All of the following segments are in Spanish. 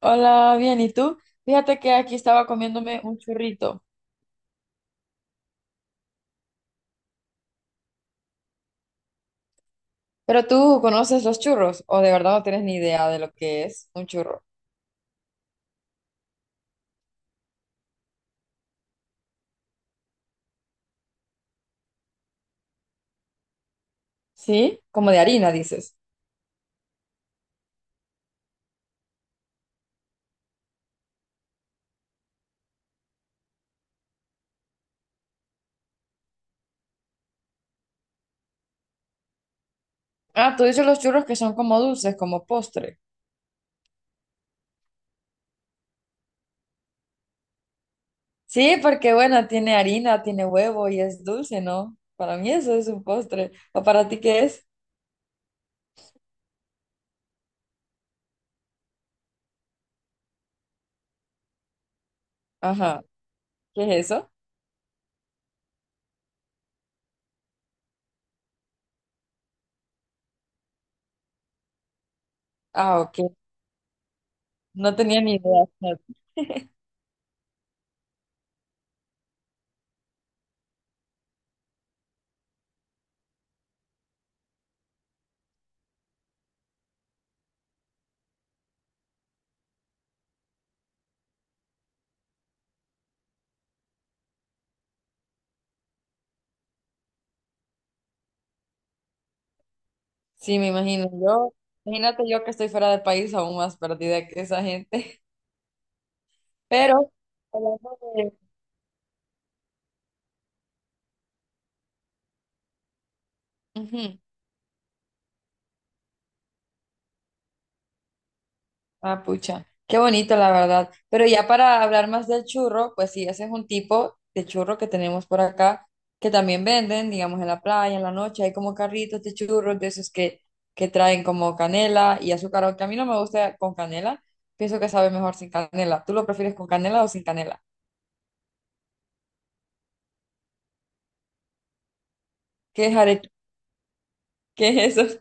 Hola, bien, ¿y tú? Fíjate que aquí estaba comiéndome un churrito. ¿Pero tú conoces los churros? ¿O de verdad no tienes ni idea de lo que es un churro? ¿Sí? Como de harina, dices. Ah, tú dices los churros que son como dulces, como postre. Sí, porque bueno, tiene harina, tiene huevo y es dulce, ¿no? Para mí eso es un postre. ¿O para ti qué es? Ajá, ¿qué es eso? Ah, ok. No tenía ni idea. Sí, me imagino yo. Imagínate yo que estoy fuera del país aún más perdida que esa gente. Pero... hablando Ujú. Ah, pucha, qué bonito la verdad. Pero ya para hablar más del churro, pues sí, ese es un tipo de churro que tenemos por acá, que también venden, digamos, en la playa, en la noche, hay como carritos de churros, que traen como canela y azúcar, aunque a mí no me gusta con canela, pienso que sabe mejor sin canela. ¿Tú lo prefieres con canela o sin canela? ¿Qué es are... ¿Qué es eso?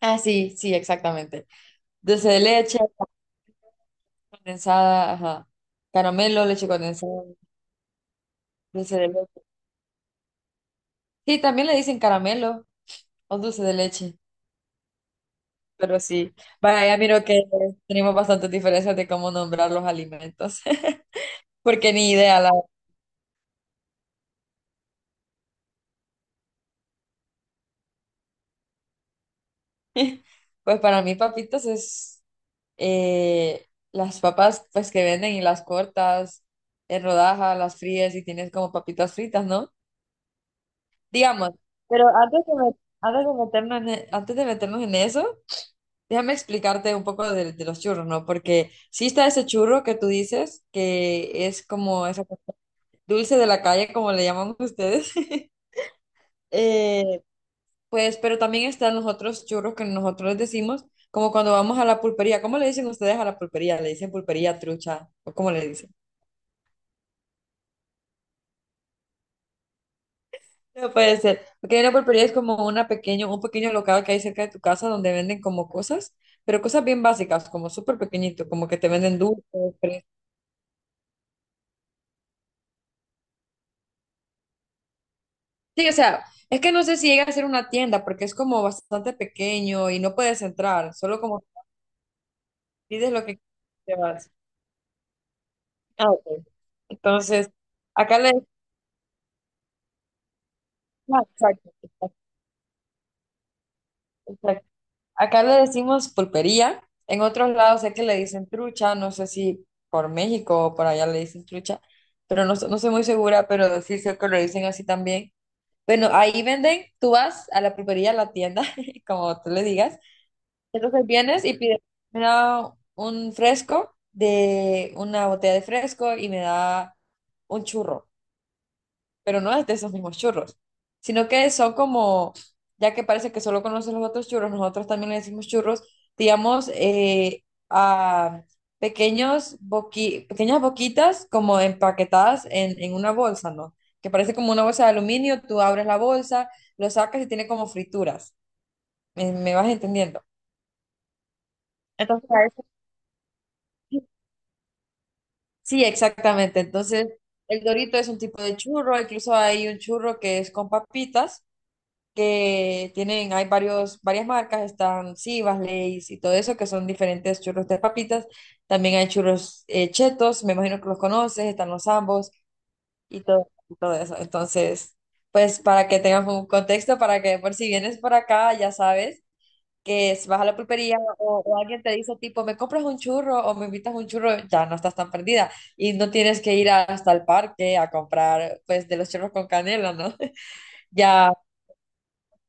Ah, sí, sí, exactamente. Dulce de leche, condensada, ajá. Caramelo, leche condensada, dulce de leche. Sí, también le dicen caramelo. Un dulce de leche, pero sí. Vaya, miro que tenemos bastantes diferencias de cómo nombrar los alimentos, porque ni idea. Pues para mí papitas es las papas pues que venden y las cortas en rodajas, las fríes y tienes como papitas fritas, ¿no? Digamos, pero antes de meternos en eso, déjame explicarte un poco de los churros, ¿no? Porque sí está ese churro que tú dices que es como dulce de la calle, como le llaman ustedes. Eh, pues, pero también están los otros churros que nosotros decimos, como cuando vamos a la pulpería. ¿Cómo le dicen ustedes a la pulpería? ¿Le dicen pulpería, trucha? ¿O cómo le dicen? No puede ser. Porque una pulpería es como un pequeño local que hay cerca de tu casa donde venden como cosas, pero cosas bien básicas, como súper pequeñito, como que te venden dulces. fres- Sí, o sea, es que no sé si llega a ser una tienda porque es como bastante pequeño y no puedes entrar, solo como pides lo que te vas. Ah, ok. Entonces, acá le decimos, exacto, exacto, exacto. Acá le decimos pulpería. En otros lados sé que le dicen trucha, no sé si por México o por allá le dicen trucha, pero no, no soy muy segura, pero sí sé que lo dicen así también. Bueno, ahí venden, tú vas a la pulpería, a la tienda, como tú le digas. Entonces vienes y pides, me da un fresco de una botella de fresco y me da un churro. Pero no es de esos mismos churros, sino que son como, ya que parece que solo conoces los otros churros, nosotros también le decimos churros, digamos, a pequeñas boquitas como empaquetadas en una bolsa, ¿no? Que parece como una bolsa de aluminio, tú abres la bolsa, lo sacas y tiene como frituras. ¿Me vas entendiendo? Sí, exactamente. Entonces, el dorito es un tipo de churro, incluso hay un churro que es con papitas que tienen, varias marcas, están Sivas, Lay's y todo eso, que son diferentes churros de papitas. También hay churros chetos, me imagino que los conoces, están los ambos y todo eso. Entonces, pues para que tengas un contexto, para que por si vienes por acá, ya sabes vas a la pulpería o alguien te dice tipo, me compras un churro o me invitas un churro, ya no estás tan perdida y no tienes que ir hasta el parque a comprar pues de los churros con canela, ¿no? Ya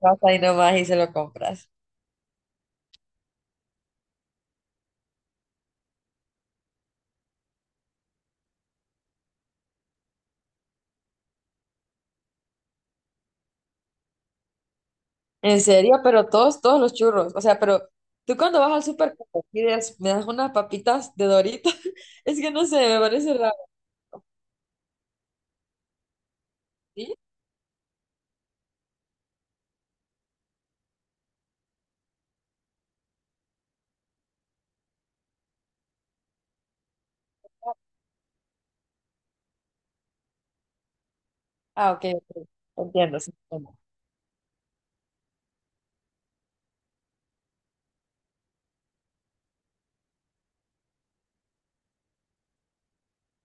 vas ahí nomás y se lo compras. En serio, pero todos, todos los churros. O sea, pero tú cuando vas al súper, ¿cómo pides? Me das unas papitas de Doritos. Es que no sé, me parece raro. ¿Sí? Ah, ok, ok, entiendo, sí, entiendo.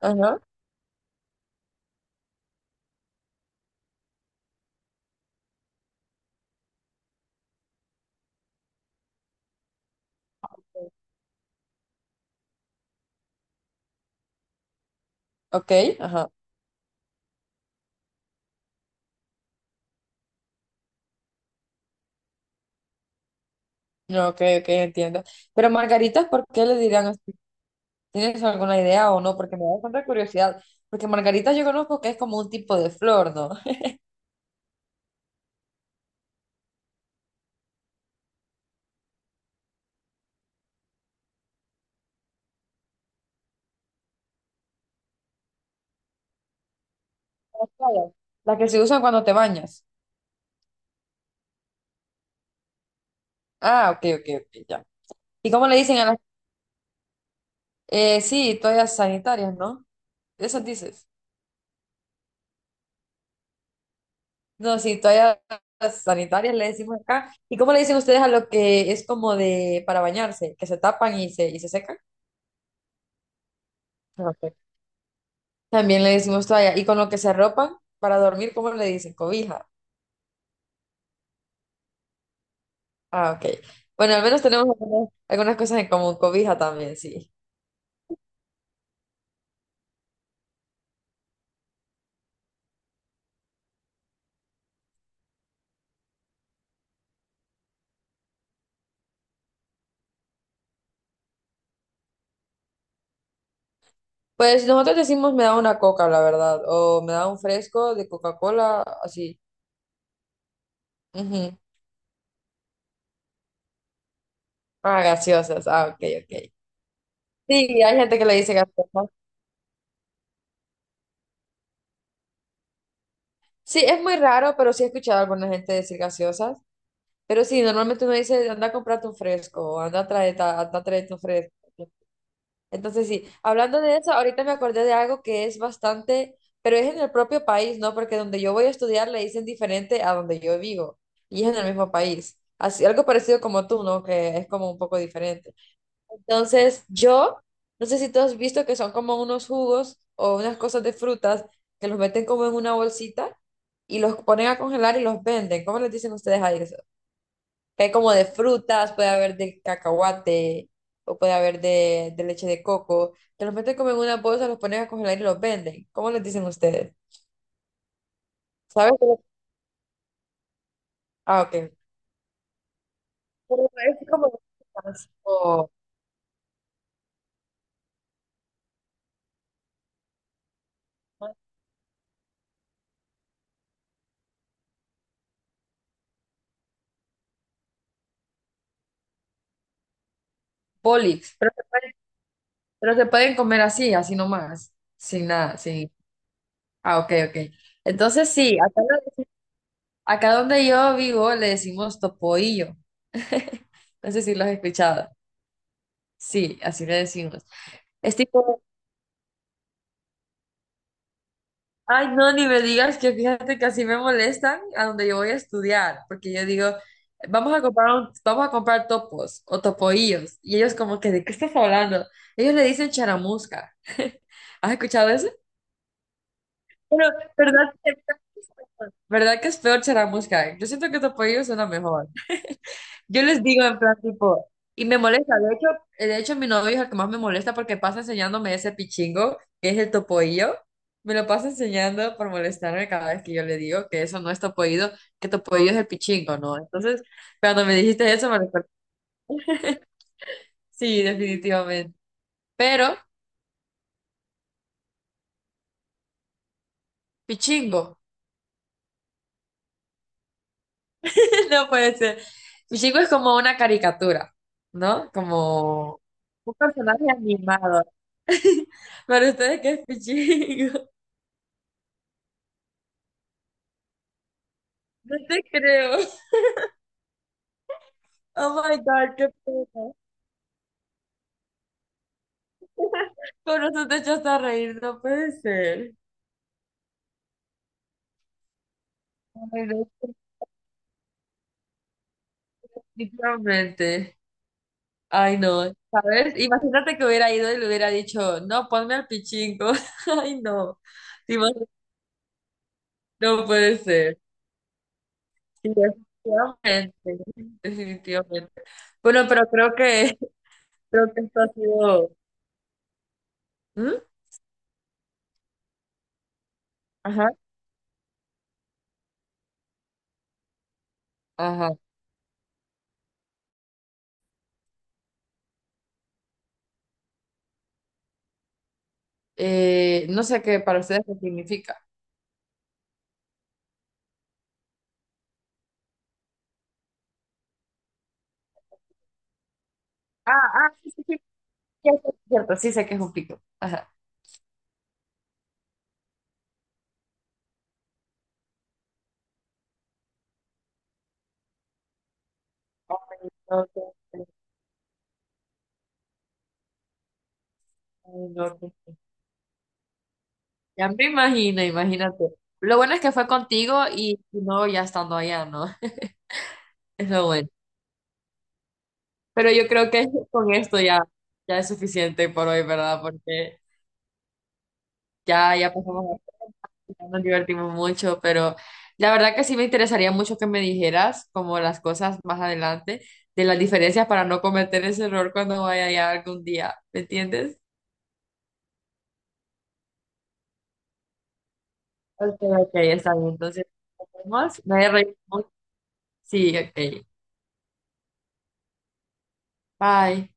Ajá, ok, ajá. No, ok, ok, entiendo. Pero margaritas, ¿por qué le dirán así? ¿Tienes alguna idea o no? Porque me da bastante curiosidad. Porque margaritas yo conozco que es como un tipo de flor, ¿no? Claro, las que se usan cuando te bañas. Ah, ok, ok, ok, ya. ¿Y cómo le dicen a las... sí, toallas sanitarias, ¿no? Esas dices. No, sí, toallas sanitarias le decimos acá. ¿Y cómo le dicen ustedes a lo que es como de para bañarse, que se tapan y y se secan? Ah, ok. También le decimos toalla. ¿Y con lo que se arropan para dormir, cómo le dicen? Cobija. Ah, ok. Bueno, al menos tenemos algunas cosas en común. Cobija también, sí. Pues nosotros decimos me da una coca, la verdad, o me da un fresco de Coca-Cola, así. Ujú. Ah, gaseosas. Ah, ok, ok. Sí, hay gente que le dice gaseosa. Sí, es muy raro, pero sí he escuchado a alguna gente decir gaseosas. Pero sí, normalmente uno dice, anda a comprarte un fresco, o anda a traerte un fresco. Entonces sí, hablando de eso, ahorita me acordé de algo que es bastante, pero es en el propio país, ¿no? Porque donde yo voy a estudiar le dicen diferente a donde yo vivo, y es en el mismo país. Así, algo parecido como tú, ¿no? Que es como un poco diferente. Entonces, no sé si tú has visto que son como unos jugos o unas cosas de frutas que los meten como en una bolsita y los ponen a congelar y los venden. ¿Cómo les dicen ustedes a eso? Que hay como de frutas, puede haber de cacahuate o puede haber de leche de coco, que los meten como en una bolsa, los ponen a congelar y los venden. ¿Cómo les dicen ustedes? ¿Sabes? Ah, ok. Pero es como o bolix, pero pero se pueden comer así, así nomás, sin nada, sin... Ah, ok, ok. Entonces sí, acá, lo- acá donde yo vivo le decimos topoillo. No sé si lo has escuchado. Sí, así le decimos. Es tipo, ay, no, ni me digas que fíjate que así me molestan a donde yo voy a estudiar, porque yo digo, vamos a comprar topos o topoillos. Y ellos como que, ¿de qué estás hablando? Ellos le dicen charamusca. ¿Has escuchado eso? Pero, ¿verdad que, verdad que es peor charamusca? Yo siento que topoillo suena mejor. Yo les digo en plan tipo, y me molesta, de hecho mi novio es el que más me molesta porque pasa enseñándome ese pichingo, que es el topoillo, me lo pasa enseñando por molestarme cada vez que yo le digo que eso no es topoillo, que topoillo es el pichingo, ¿no? Entonces, cuando me dijiste eso, me recordé. Sí, definitivamente. Pero, pichingo, no puede ser. Pichingo es como una caricatura, ¿no? Como un personaje animado. Para ustedes, ¿qué es pichingo? No te creo. Oh my God, qué pena. Pero eso te echaste a reír, no puede ser. Ay, no, definitivamente. Ay, no. ¿Sabes? Imagínate que hubiera ido y le hubiera dicho, no, ponme al pichingo. Ay, no. Te imag- No puede ser. Sí, definitivamente. Definitivamente. Bueno, pero creo que esto ha sido. ¿Mm? Ajá. Ajá. No sé qué para ustedes qué significa. Ah, ah, sí, sí, sí, ya cierto, sí sé que es un pico. Ajá. Ok. Ay, no, no. Ya me imagino, imagínate. Lo bueno es que fue contigo y no ya estando allá, ¿no? Es lo bueno. Pero yo creo que con esto ya, ya, es suficiente por hoy, ¿verdad? Porque ya pasamos, ya nos divertimos mucho, pero la verdad que sí me interesaría mucho que me dijeras como las cosas más adelante, de las diferencias para no cometer ese error cuando vaya allá algún día, ¿me entiendes? Ok, ok, está bien. Entonces, nos vemos. Me he reído mucho. Sí, ok. Bye.